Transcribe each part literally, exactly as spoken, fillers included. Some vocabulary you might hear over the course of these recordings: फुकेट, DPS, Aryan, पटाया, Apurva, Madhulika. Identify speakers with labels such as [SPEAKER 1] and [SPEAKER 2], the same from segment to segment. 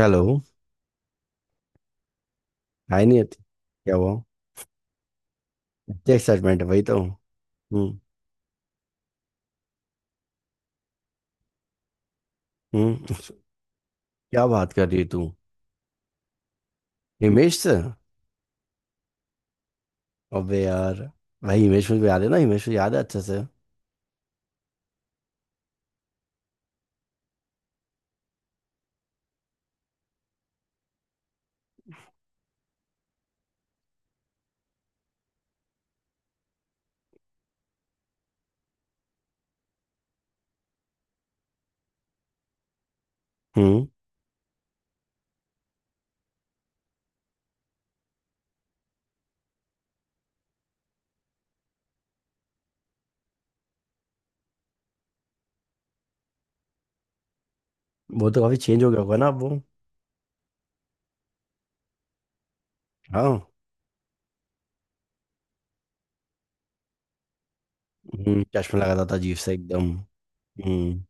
[SPEAKER 1] Hello. Hi Niyati. क्या हुआ। क्या एक्साइटमेंट है वही तो। हम्म। हम्म। क्या बात कर रही है तू? हिमेश से? अबे यार। भाई हिमेश मुझे याद है ना, हिमेश मुझे याद है अच्छे से। हम्म। वो तो काफी चेंज हो गया होगा ना अब वो। हाँ। हम्म चश्मा लगाता था अजीब से एकदम। हम्म।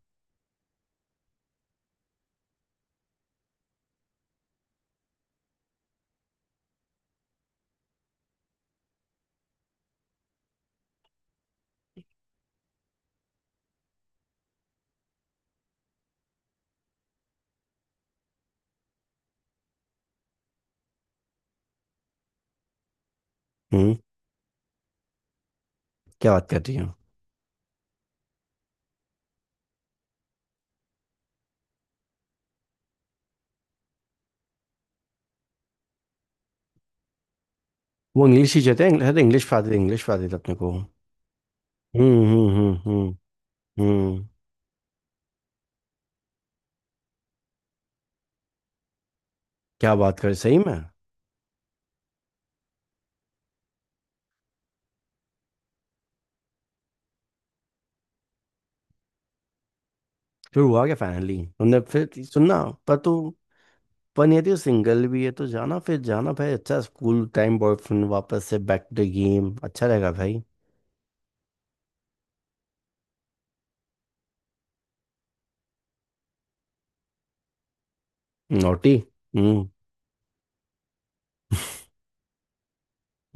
[SPEAKER 1] हम्म। क्या बात कर रही हो? वो इंग्लिश टीचर थे, अरे इंग्लिश पढ़ाते थे, इंग्लिश पढ़ाते थे अपने को। हम्म हम्म हम्म हम्म। हम्म। क्या बात कर, सही में? फिर हुआ क्या? फाइनली तुमने फिर सुनना। पर तू पर यदि वो सिंगल भी है तो जाना, फिर जाना भाई। अच्छा स्कूल टाइम बॉयफ्रेंड वापस से बैक टू गेम, अच्छा रहेगा भाई। नोटी। हम्म।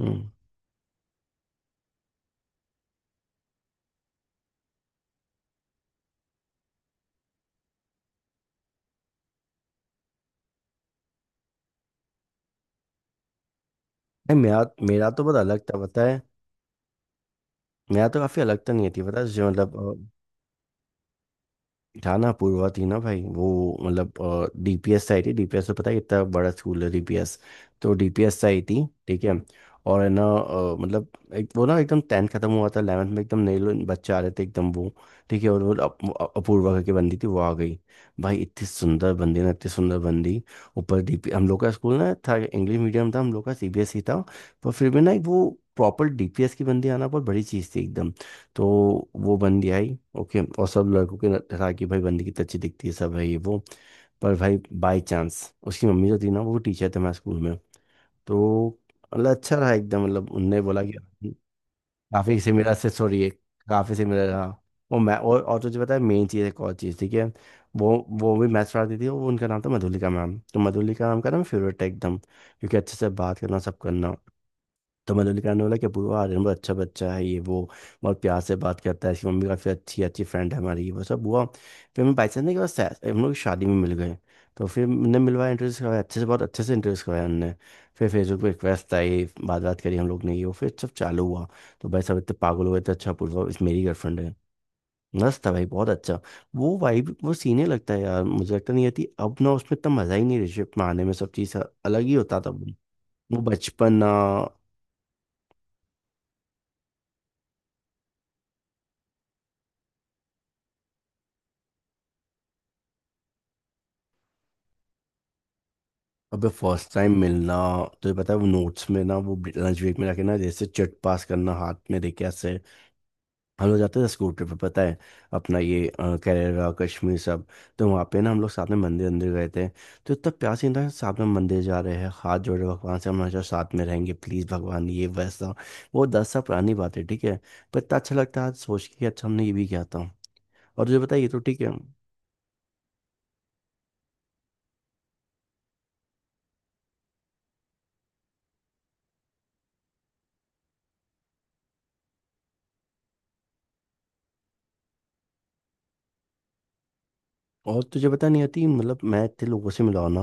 [SPEAKER 1] हम्म। नहीं, मेरा मेरा तो बहुत अलग था पता है। मेरा तो काफी अलग था, नहीं थी पता है जो मतलब। था। पूर्वा थी ना भाई वो, मतलब डीपीएस आई थी। डीपीएस तो पता है कितना बड़ा स्कूल है डीपीएस। तो डीपीएस आई थी ठीक है। और है ना अ, मतलब एक वो ना एकदम टेंथ खत्म हुआ था, इलेवंथ में एकदम नए लोग बच्चे आ रहे थे एकदम वो। ठीक है। और वो अप, अ- अपूर्वा करके बंदी थी, वो आ गई। भाई इतनी सुंदर बंदी ना, इतनी सुंदर बंदी। ऊपर डीपी हम लोग का स्कूल ना था, इंग्लिश मीडियम था हम लोग का, सीबीएसई था। पर फिर भी ना, एक वो प्रॉपर डीपीएस की बंदी आना बहुत बड़ी चीज़ थी एकदम। तो वो बंदी आई ओके, और सब लड़कों के न- था कि भाई बंदी कितनी अच्छी दिखती है, सब है ये वो। पर भाई बाय चांस उसकी मम्मी जो थी ना, वो टीचर थे हमारे स्कूल में। तो मतलब अच्छा रहा एकदम, मतलब उनने बोला कि हम्म। काफ़ी सिमिलर से सॉरी है, काफ़ी सिमिलर हाँ। वो मैं और और तुझे पता है मेन चीज़, एक और चीज़ ठीक है। वो वो भी मैथ्स पढ़ाती थी, वो उनका नाम था मधुलिका मैम। तो मधुलिका मैम का ना फेवरेट था एकदम, क्योंकि अच्छे से बात करना सब करना। तो मधुलिका ने बोला कि पूरा आर्यन बहुत अच्छा बच्चा है ये वो, बहुत प्यार से बात करता है, इसकी मम्मी काफ़ी अच्छी अच्छी फ्रेंड है हमारी, वो सब हुआ। फिर हम बाई चांस के बाद सै- हम लोग की शादी में मिल गए। तो फिर हमने मिलवाया, इंटरेस्ट करवाया अच्छे से, बहुत अच्छे से इंटरेस्ट करवाया हमने। फिर फेसबुक पे रिक्वेस्ट आई, बात बात करी हम लोग ने, ये वो फिर सब चालू हुआ। तो भाई सब इतने पागल हो गए थे, अच्छा पूर्वा इस मेरी गर्लफ्रेंड है। मस्त था भाई, बहुत अच्छा। वो वाइब वो सीने लगता है यार मुझे, लगता नहीं आती अब ना उसमें इतना मजा ही नहीं रिलेशनशिप में आने में, सब चीज अलग ही होता था। वो बचपन ना। अबे फर्स्ट टाइम मिलना। तुझे पता है वो नोट्स में ना, वो लंच ब्रेक में जाके ना जैसे चिट पास करना हाथ में देके ऐसे। हम लोग जाते थे स्कूल ट्रिप पे पता है, अपना ये अ, केरला कश्मीर सब। तो वहाँ पे ना हम लोग साथ में मंदिर अंदर गए थे। तो इतना प्यार से था साथ में मंदिर जा रहे हैं, हाथ जोड़े भगवान से हम हमेशा साथ में रहेंगे प्लीज़ भगवान ये वैसा। वो दस साल पुरानी बात है ठीक है। पर इतना अच्छा लगता है आज सोच के कि अच्छा हमने ये भी किया था। और तुझे पता है ये तो ठीक है। और तुझे पता नहीं आती मतलब मैं इतने लोगों से मिला हूं ना।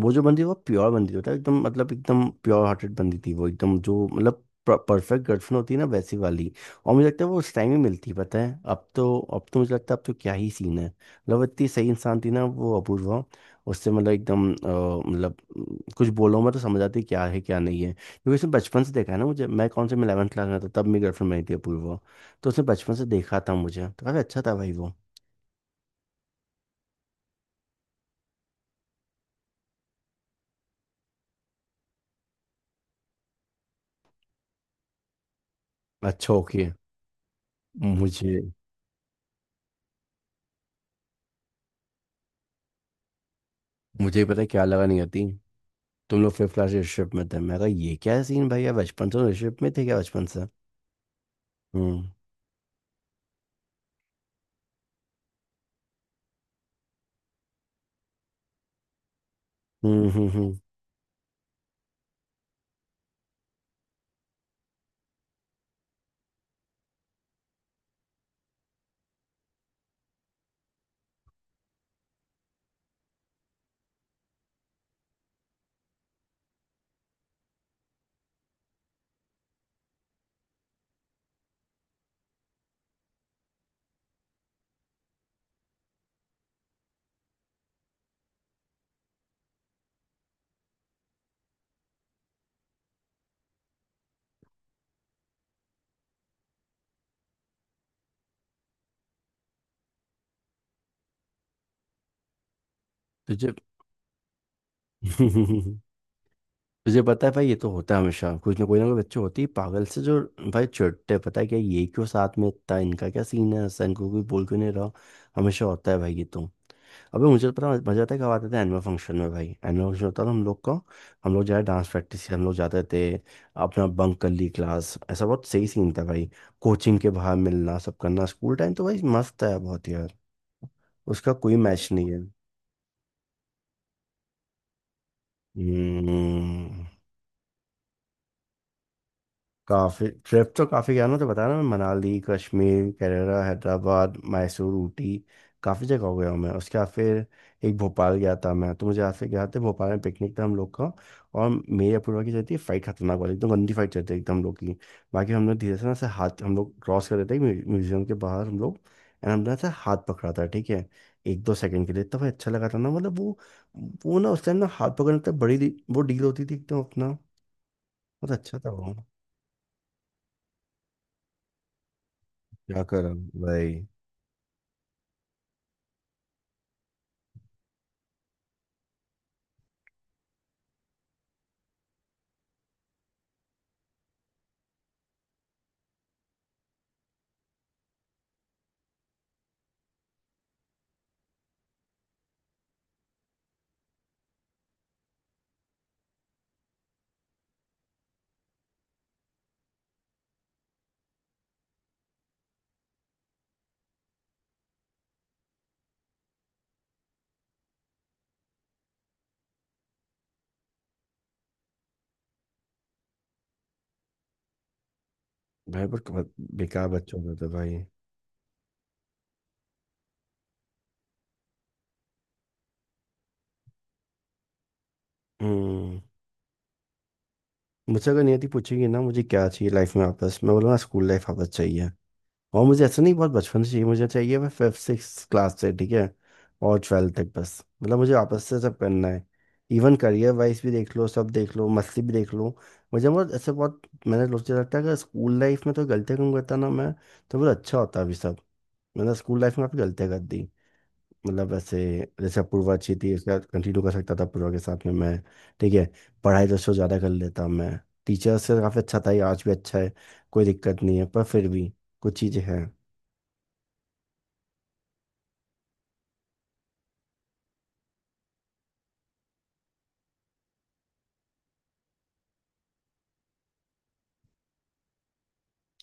[SPEAKER 1] वो जो बंदी, वो प्योर बंदी होता है एकदम, मतलब एकदम प्योर हार्टेड बंदी थी वो एकदम, जो मतलब परफेक्ट गर्लफ्रेंड होती है ना वैसी वाली। और मुझे लगता है वो उस टाइम ही मिलती है, पता है अब तो, अब तो मुझे लगता है अब तो क्या ही सीन है मतलब। इतनी सही इंसान थी ना वो अपूर्वा। उससे मतलब एकदम अ, मतलब अम, कुछ बोलो मैं तो समझ आती है क्या है क्या नहीं है, क्योंकि उसने बचपन से देखा है ना मुझे। मैं कौन से मैं इलेवंथ क्लास में था तब मेरी गर्लफ्रेंड बनी थी अपूर्वा। तो उसने बचपन से देखा था मुझे, तो काफी अच्छा था भाई वो। अच्छा ओके। मुझे मुझे पता है क्या लगा नहीं आती। तुम लोग फिफ्थ क्लास रिलेशनशिप में थे? मैं कहा ये क्या सीन भैया, बचपन से रिलेशनशिप में थे क्या, बचपन से? हम्म हम्म हम्म हम्म। तुझे तुझे पता है भाई ये तो होता है हमेशा, कुछ ना कोई ना कोई बच्चे होते ही पागल से जो। भाई चिढ़ते हैं, पता है क्या ये क्यों साथ में इतना इनका क्या सीन है, ऐसा इनको कोई बोल क्यों नहीं रहा। हमेशा होता है भाई ये तो। अबे मुझे तो पता मजा आता है, कब आते थे एनुअल फंक्शन में, भाई एनुअल फंक्शन होता था हम लोग का। हम लोग जाए डांस प्रैक्टिस हम लोग जाते थे। अपना बंक कर ली क्लास, ऐसा बहुत सही सीन था भाई। कोचिंग के बाहर मिलना, सब करना, स्कूल टाइम तो भाई मस्त है बहुत यार। उसका कोई मैच नहीं है। हम्म। काफी ट्रिप तो काफी गया ना, तो बताया ना मैं, मनाली कश्मीर केरला हैदराबाद मैसूर ऊटी, काफी जगह हो गया हूँ मैं। उसके बाद फिर एक भोपाल गया था मैं, तो मुझे याद से गया था, भोपाल में पिकनिक था हम लोग का। और मेरी अपूर्वा की चलती थी फाइट, खतरनाक वाली एकदम, गंदी फाइट चलती थी एकदम हम लोग की। बाकी हम लोग धीरे से ना ऐसे हाथ हम लोग क्रॉस कर रहे थे म्यू- म्यूजियम के बाहर हम लोग। एंड हमने ऐसे हाथ पकड़ा था ठीक है। एक दो सेकंड के लिए तब अच्छा लगा था ना मतलब वो वो ना उस टाइम ना हाथ पकड़ने तक बड़ी डी- वो डील होती थी एकदम अपना। बहुत अच्छा था वो। क्या करा? भाई। भाई पर बहुत बेकार बच्चा होता था भाई। हम्म। मुझसे अगर नियति पूछेगी ना मुझे क्या चाहिए लाइफ में वापस, मैं बोलूँगा स्कूल लाइफ वापस चाहिए। और मुझे ऐसा नहीं बहुत बचपन से चाहिए, मुझे चाहिए मैं फिफ्थ सिक्स क्लास से ठीक है, और ट्वेल्थ तक, बस मतलब मुझे वापस से सब करना है। इवन करियर वाइज भी देख लो, सब देख लो, मस्ती भी देख लो। मुझे बहुत ऐसे बहुत, मैंने सोचा लगता है अगर स्कूल लाइफ में तो गलतियाँ कम करता ना मैं, तो बहुत अच्छा होता अभी सब। मैंने स्कूल लाइफ में काफ़ी गलतियाँ कर दी, मतलब ऐसे, जैसे अपूर्वा अच्छी थी उसके साथ कंटिन्यू कर सकता था, अपूर्वा के साथ में मैं, ठीक है। पढ़ाई तो उससे ज़्यादा कर लेता मैं। टीचर से काफ़ी अच्छा था, ये आज भी अच्छा है, कोई दिक्कत नहीं है, पर फिर भी कुछ चीज़ें हैं।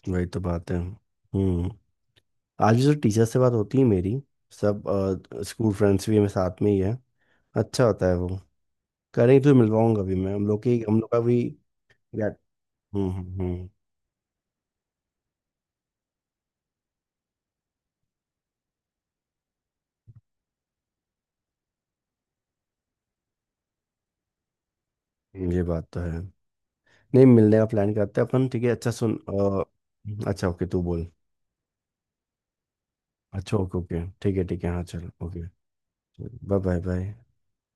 [SPEAKER 1] वही तो बात है। हम्म। आज भी जो टीचर से बात होती है मेरी, सब अ, स्कूल फ्रेंड्स भी मेरे साथ में ही है, अच्छा होता है वो। करेंगे तो मिलवाऊंगा भी मैं, हम लोग की हम लोग का भी। या- हम्म। हम्म। हम्म, ये बात तो है। नहीं मिलने का प्लान करते हैं अपन ठीक है अच्छा सुन। अ, अच्छा ओके तू बोल। अच्छा ओके ओके ठीक है ठीक है हाँ चलो ओके। Bye bye bye.